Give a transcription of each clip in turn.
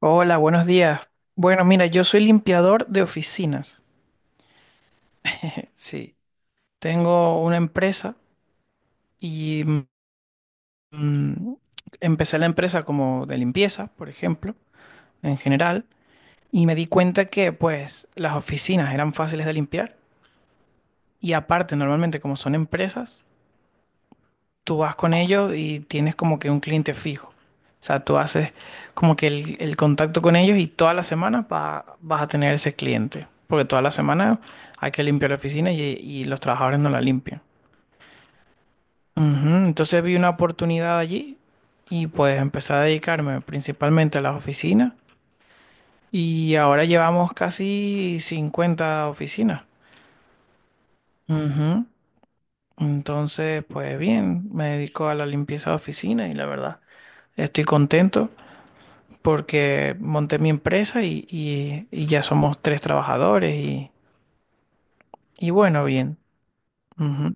Hola, buenos días. Bueno, mira, yo soy limpiador de oficinas. Sí, tengo una empresa y mm, mm, empecé la empresa como de limpieza, por ejemplo, en general, y me di cuenta que pues las oficinas eran fáciles de limpiar y aparte normalmente como son empresas, tú vas con ellos y tienes como que un cliente fijo. O sea, tú haces como que el contacto con ellos y todas las semanas vas a tener ese cliente. Porque todas las semanas hay que limpiar la oficina y los trabajadores no la limpian. Ujú. Entonces vi una oportunidad allí y pues empecé a dedicarme principalmente a las oficinas. Y ahora llevamos casi 50 oficinas. Ujú. Entonces, pues bien, me dedico a la limpieza de oficina y la verdad estoy contento. Porque monté mi empresa y ya somos tres trabajadores y bueno, bien. Ujú.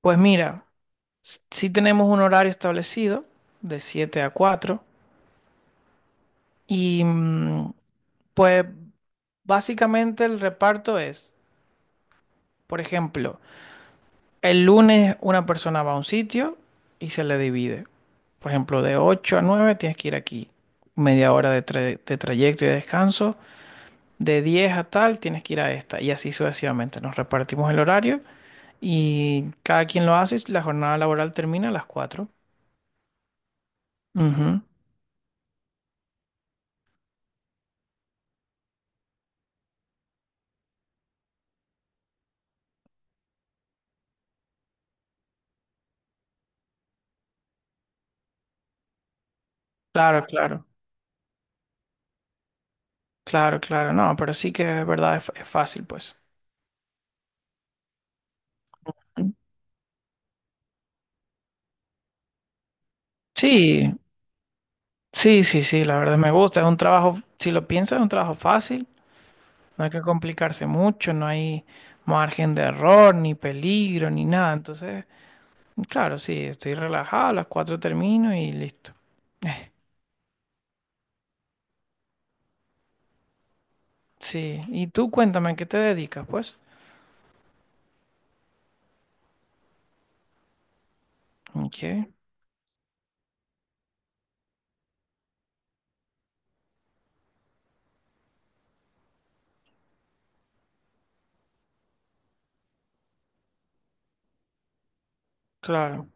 Pues mira, sí tenemos un horario establecido de 7 a 4 y pues básicamente el reparto es, por ejemplo, el lunes una persona va a un sitio y se le divide. Por ejemplo, de 8 a 9 tienes que ir aquí, media hora de trayecto y de descanso. De 10 a tal, tienes que ir a esta. Y así sucesivamente. Nos repartimos el horario y cada quien lo hace. La jornada laboral termina a las 4. Ujú. Claro, claro, claro, claro. No, pero sí que es verdad, es fácil, pues. Sí, sí, sí, sí, la verdad me gusta. Es un trabajo, si lo piensas, es un trabajo fácil. No hay que complicarse mucho, no hay margen de error, ni peligro, ni nada. Entonces, claro, sí, estoy relajado, a las 4 termino y listo. Sí, y tú cuéntame, ¿a qué te dedicas, pues? Ok, claro.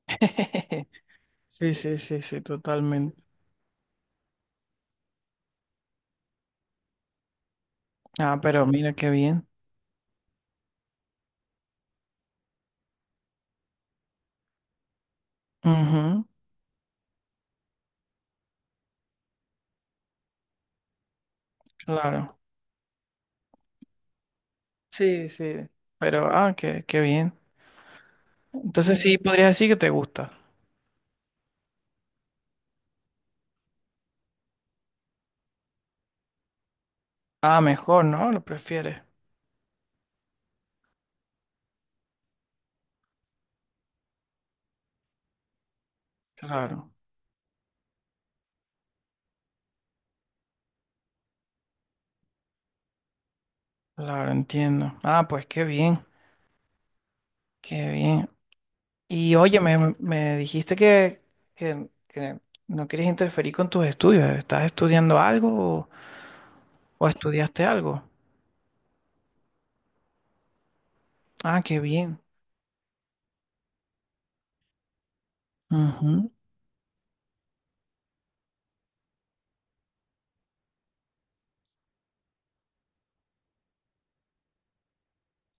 Sí, sí, sí, sí, totalmente. Ah, pero mira qué bien. Ujú, claro. Sí, sí. Pero, ah, qué, qué bien. Entonces sí podrías decir que te gusta. Ah, mejor, ¿no? Lo prefieres. Claro, claro, entiendo. Ah, pues qué bien, qué bien. Y oye, me dijiste que, que no quieres interferir con tus estudios. ¿Estás estudiando algo o, o estudiaste algo? Ah, qué bien. Ujú,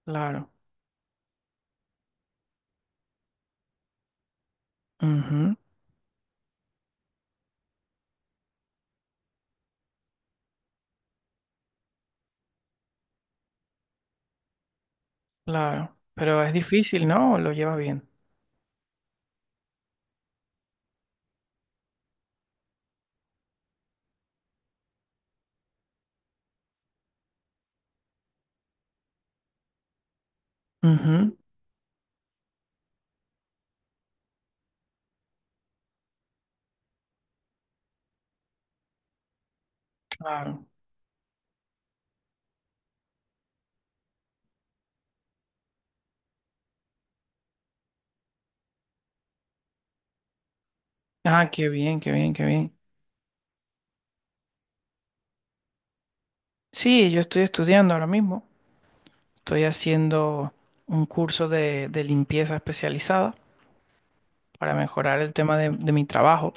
claro, ujú, claro. Pero es difícil, ¿no? ¿O lo llevas bien? Ujú. Claro. Ah, qué bien, qué bien, qué bien. Sí, yo estoy estudiando ahora mismo. Estoy haciendo un curso de limpieza especializada para mejorar el tema de mi trabajo.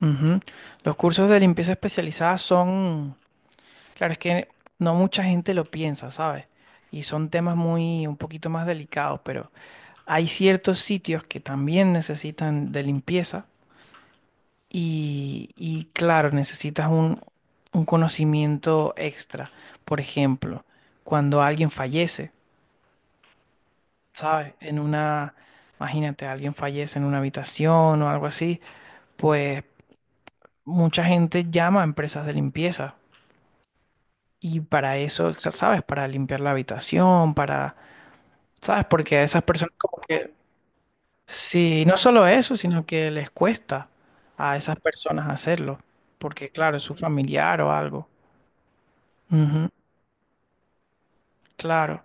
Ujú. Los cursos de limpieza especializada son, claro, es que no mucha gente lo piensa, ¿sabes? Y son temas muy, un poquito más delicados, pero hay ciertos sitios que también necesitan de limpieza. Y claro, necesitas un conocimiento extra. Por ejemplo, cuando alguien fallece, ¿sabes? En una, imagínate, alguien fallece en una habitación o algo así, pues mucha gente llama a empresas de limpieza. Y para eso, o sea, ¿sabes? Para limpiar la habitación, para, ¿sabes? Porque a esas personas como que, sí, y no solo eso, sino que les cuesta a esas personas hacerlo. Porque claro, es su familiar o algo. Ujú. Claro,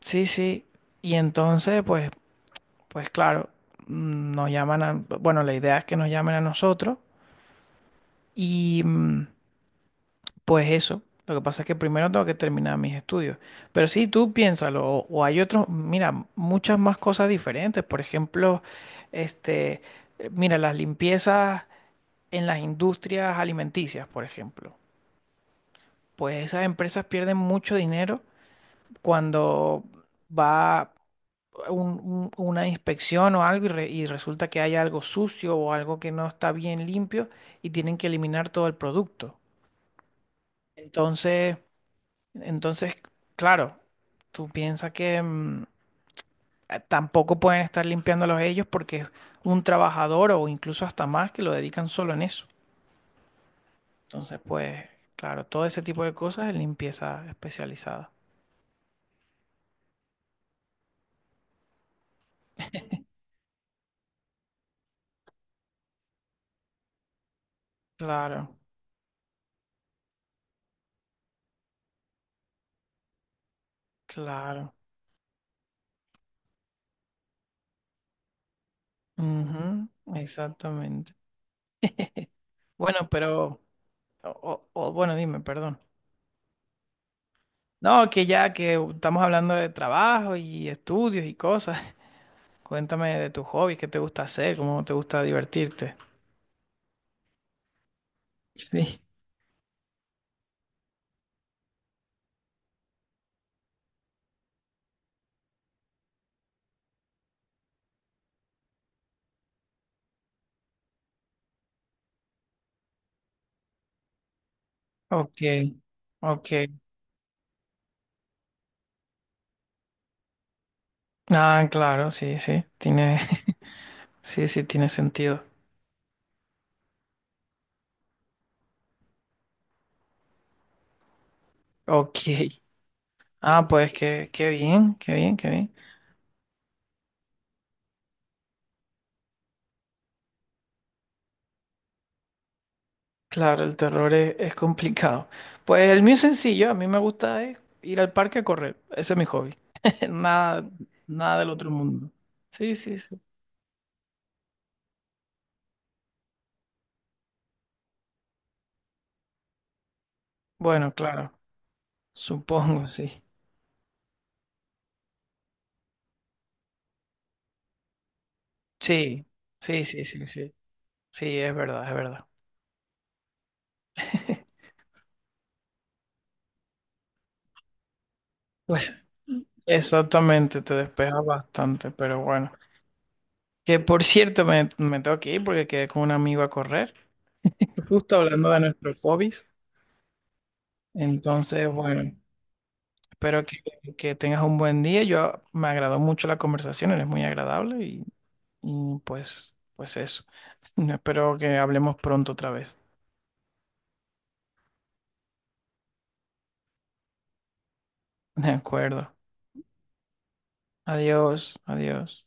sí, sí. Y entonces, pues, pues claro, nos llaman a, bueno, la idea es que nos llamen a nosotros y pues eso. Lo que pasa es que primero tengo que terminar mis estudios. Pero sí, tú piénsalo, o hay otros, mira, muchas más cosas diferentes. Por ejemplo, este, mira, las limpiezas en las industrias alimenticias, por ejemplo. Pues esas empresas pierden mucho dinero cuando va una inspección o algo y resulta que hay algo sucio o algo que no está bien limpio y tienen que eliminar todo el producto. Entonces, entonces, claro, tú piensas que tampoco pueden estar limpiándolos ellos porque es un trabajador o incluso hasta más que lo dedican solo en eso. Entonces, pues, claro, todo ese tipo de cosas es limpieza especializada. Claro, claro. Ujú, exactamente. Bueno, pero, bueno, dime, perdón. No, que ya que estamos hablando de trabajo y estudios y cosas. Cuéntame de tus hobbies, qué te gusta hacer, cómo te gusta divertirte. Sí. Ok, ok. Ah, claro, sí, sí. Sí, sí, tiene sentido. Ok. Ah, pues qué, qué bien, qué bien, qué bien. Claro, el terror es complicado. Pues el mío es sencillo, a mí me gusta es ir al parque a correr. Ese es mi hobby. Nada, nada del otro mundo. Sí, sí, sí. Bueno, claro. Supongo, sí. Sí, sí, sí, sí, sí. Sí, es verdad, es verdad. Pues exactamente, te despeja bastante, pero bueno. Que por cierto, me tengo que ir porque quedé con un amigo a correr, justo hablando de nuestros hobbies. Entonces, bueno, espero que, tengas un buen día. Yo me agradó mucho la conversación, eres muy agradable y pues eso. Espero que hablemos pronto otra vez. De acuerdo. Adiós, adiós.